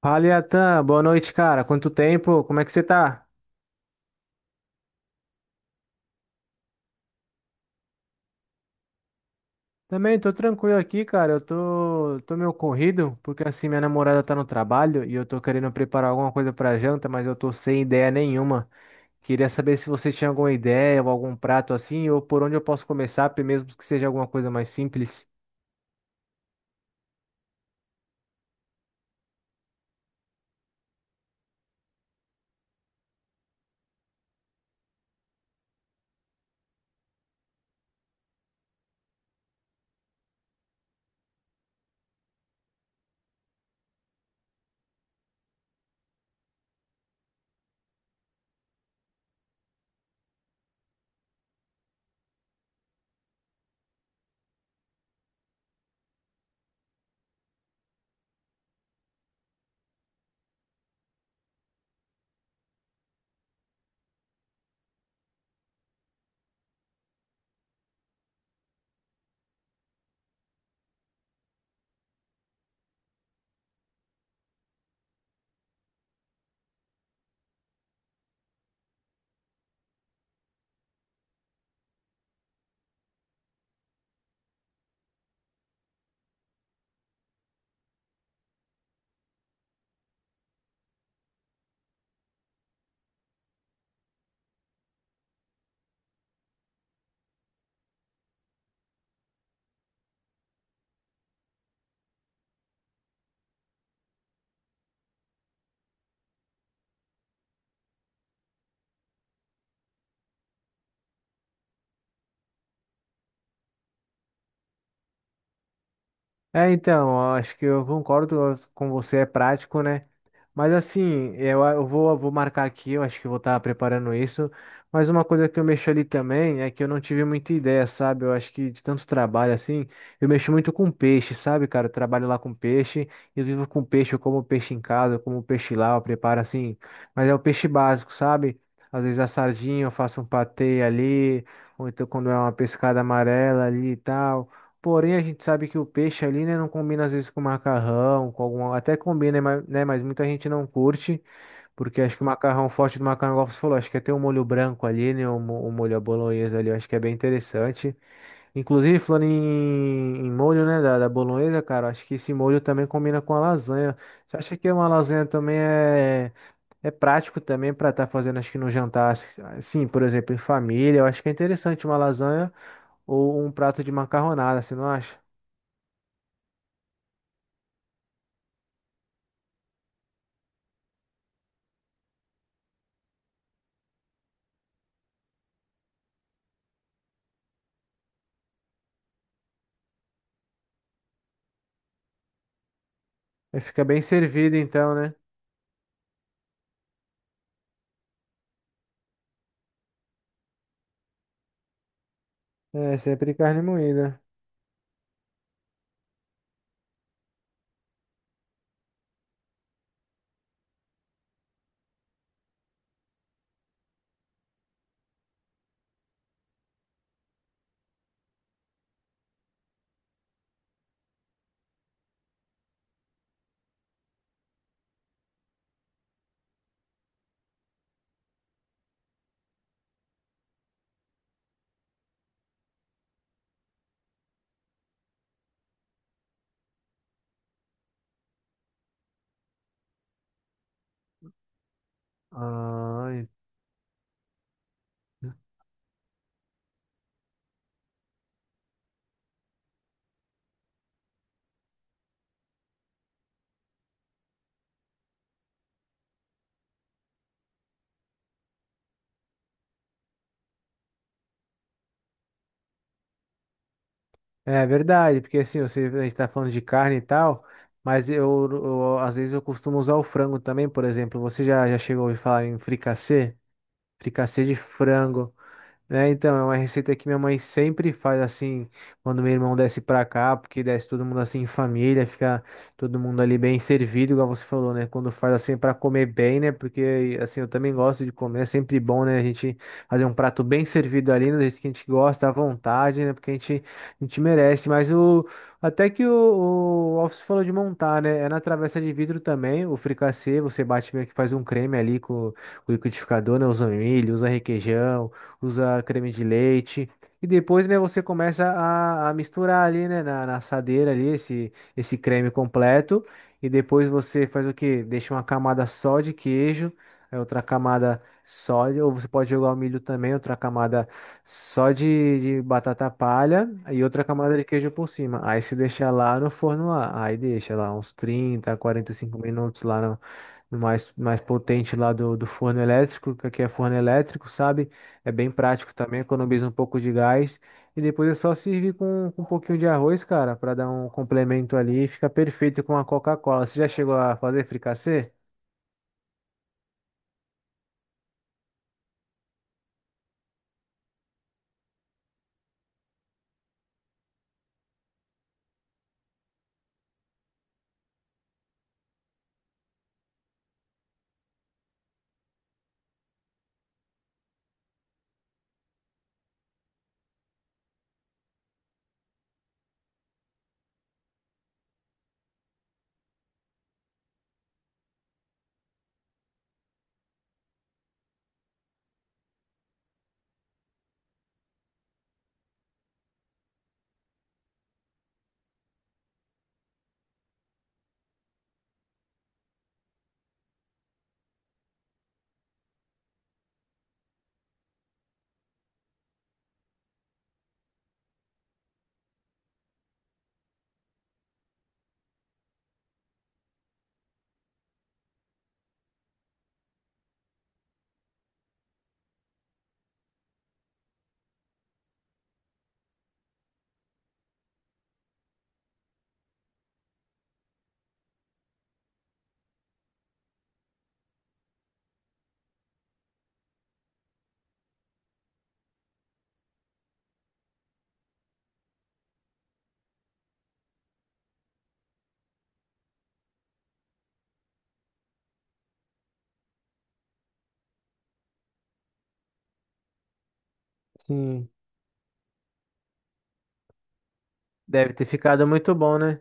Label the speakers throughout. Speaker 1: Fala, Iatan. Boa noite, cara. Quanto tempo? Como é que você tá? Também tô tranquilo aqui, cara. Eu tô meio corrido, porque assim, minha namorada tá no trabalho e eu tô querendo preparar alguma coisa pra janta, mas eu tô sem ideia nenhuma. Queria saber se você tinha alguma ideia ou algum prato assim, ou por onde eu posso começar, mesmo que seja alguma coisa mais simples. É, então, eu acho que eu concordo com você, é prático, né? Mas assim, eu vou marcar aqui, eu acho que eu vou estar preparando isso. Mas uma coisa que eu mexo ali também é que eu não tive muita ideia, sabe? Eu acho que de tanto trabalho assim, eu mexo muito com peixe, sabe, cara? Eu trabalho lá com peixe, eu vivo com peixe, eu como peixe em casa, eu como peixe lá, eu preparo assim. Mas é o peixe básico, sabe? Às vezes a sardinha, eu faço um patê ali, ou então quando é uma pescada amarela ali e tal. Porém, a gente sabe que o peixe ali, né, não combina às vezes com macarrão, com alguma, até combina, né, né, mas muita gente não curte, porque acho que o macarrão, forte do macarrão, igual você falou, acho que até o molho branco ali, né, o molho à bolonhesa ali, eu acho que é bem interessante. Inclusive, falando em molho, né, da bolonhesa, cara, acho que esse molho também combina com a lasanha. Você acha que uma lasanha também é, é prático também para estar fazendo, acho que no jantar, assim, por exemplo, em família, eu acho que é interessante uma lasanha ou um prato de macarronada, você não acha? Aí fica bem servido então, né? É sempre carne moída. Ah, en- É verdade, porque assim, você, a gente tá falando de carne e tal, mas às vezes eu costumo usar o frango também, por exemplo. Você já chegou a ouvir falar em fricassê? Fricassê de frango. É, então, é uma receita que minha mãe sempre faz assim, quando meu irmão desce pra cá, porque desce todo mundo assim em família, fica todo mundo ali bem servido, igual você falou, né? Quando faz assim pra comer bem, né? Porque assim, eu também gosto de comer, é sempre bom, né? A gente fazer um prato bem servido ali, né? Do jeito que a gente gosta, à vontade, né? Porque a gente merece. Mas o até que o Alves falou de montar, né? É na travessa de vidro também, o fricassê, você bate meio que faz um creme ali com o liquidificador, né? Usa um milho, usa requeijão, usa creme de leite. E depois, né, você começa a misturar ali, né, na assadeira ali, esse creme completo. E depois você faz o quê? Deixa uma camada só de queijo, aí outra camada só de, ou você pode jogar o milho também, outra camada só de batata palha e outra camada de queijo por cima. Aí se deixa lá no forno lá, aí deixa lá uns 30, 45 minutos lá no, no mais, mais potente lá do forno elétrico, que aqui é forno elétrico, sabe? É bem prático também, economiza um pouco de gás. E depois é só servir com um pouquinho de arroz, cara, para dar um complemento ali. Fica perfeito com a Coca-Cola. Você já chegou a fazer fricassê? Sim. Deve ter ficado muito bom, né?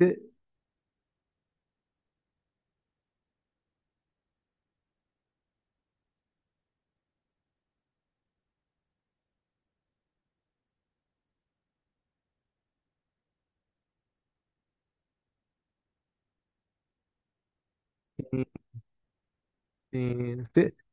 Speaker 1: E- Sim.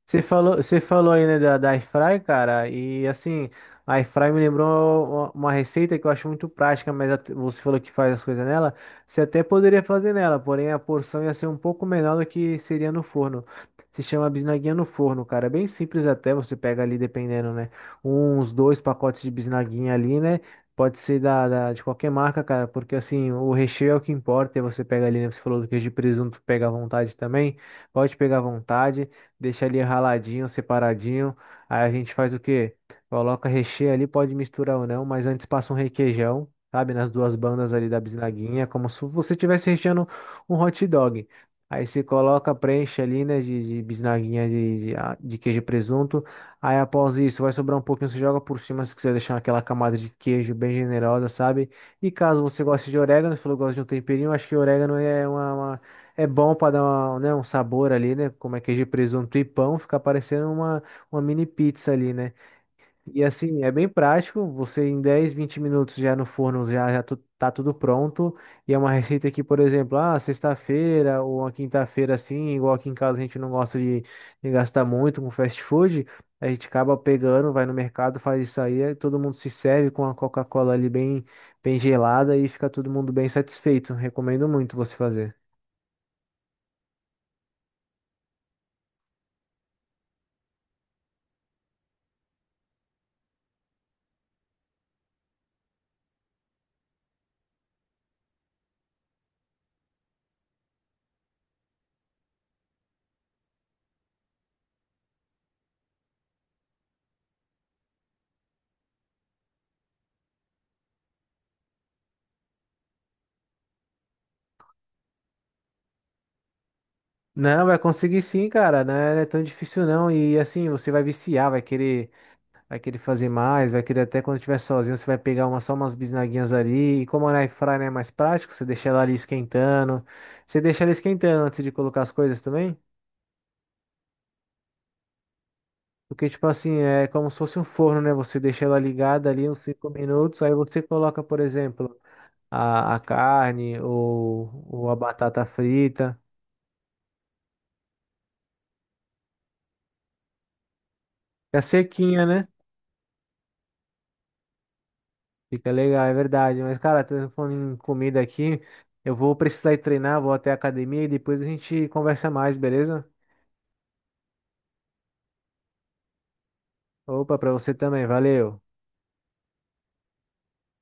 Speaker 1: Você falou aí, né, da airfry, cara, e assim, a airfry me lembrou uma receita que eu acho muito prática, mas você falou que faz as coisas nela, você até poderia fazer nela, porém a porção ia ser um pouco menor do que seria no forno. Se chama bisnaguinha no forno, cara, é bem simples até, você pega ali, dependendo, né, uns 2 pacotes de bisnaguinha ali, né, pode ser de qualquer marca, cara, porque assim, o recheio é o que importa, e você pega ali, né, você falou do queijo de presunto, pega à vontade também. Pode pegar à vontade, deixa ali raladinho, separadinho. Aí a gente faz o quê? Coloca recheio ali, pode misturar ou não, mas antes passa um requeijão, sabe? Nas duas bandas ali da bisnaguinha, como se você estivesse recheando um hot dog. Aí você coloca, preenche ali, né, de bisnaguinha de queijo e presunto. Aí após isso, vai sobrar um pouquinho, você joga por cima se quiser deixar aquela camada de queijo bem generosa, sabe? E caso você goste de orégano, você falou que gosta de um temperinho, acho que orégano é uma é bom para dar uma, né, um sabor ali, né? Como é queijo de presunto e pão, fica parecendo uma mini pizza ali, né? E assim, é bem prático, você em 10, 20 minutos já no forno já, tá tudo pronto. E é uma receita que, por exemplo, ah, sexta-feira ou uma quinta-feira assim, igual aqui em casa a gente não gosta de gastar muito com fast food, a gente acaba pegando, vai no mercado, faz isso aí, aí todo mundo se serve com a Coca-Cola ali bem, bem gelada e fica todo mundo bem satisfeito. Recomendo muito você fazer. Não, vai conseguir sim, cara. Não é tão difícil não. E assim, você vai viciar, vai querer fazer mais, vai querer até quando estiver sozinho, você vai pegar uma, só umas bisnaguinhas ali. E como a air fryer é mais prático, você deixa ela ali esquentando. Você deixa ela esquentando antes de colocar as coisas também. Porque, tipo assim, é como se fosse um forno, né? Você deixa ela ligada ali uns 5 minutos, aí você coloca, por exemplo, a carne ou a batata frita. Fica sequinha, né? Fica legal, é verdade. Mas, cara, tô falando em comida aqui. Eu vou precisar ir treinar, vou até a academia e depois a gente conversa mais, beleza? Opa, pra você também, valeu.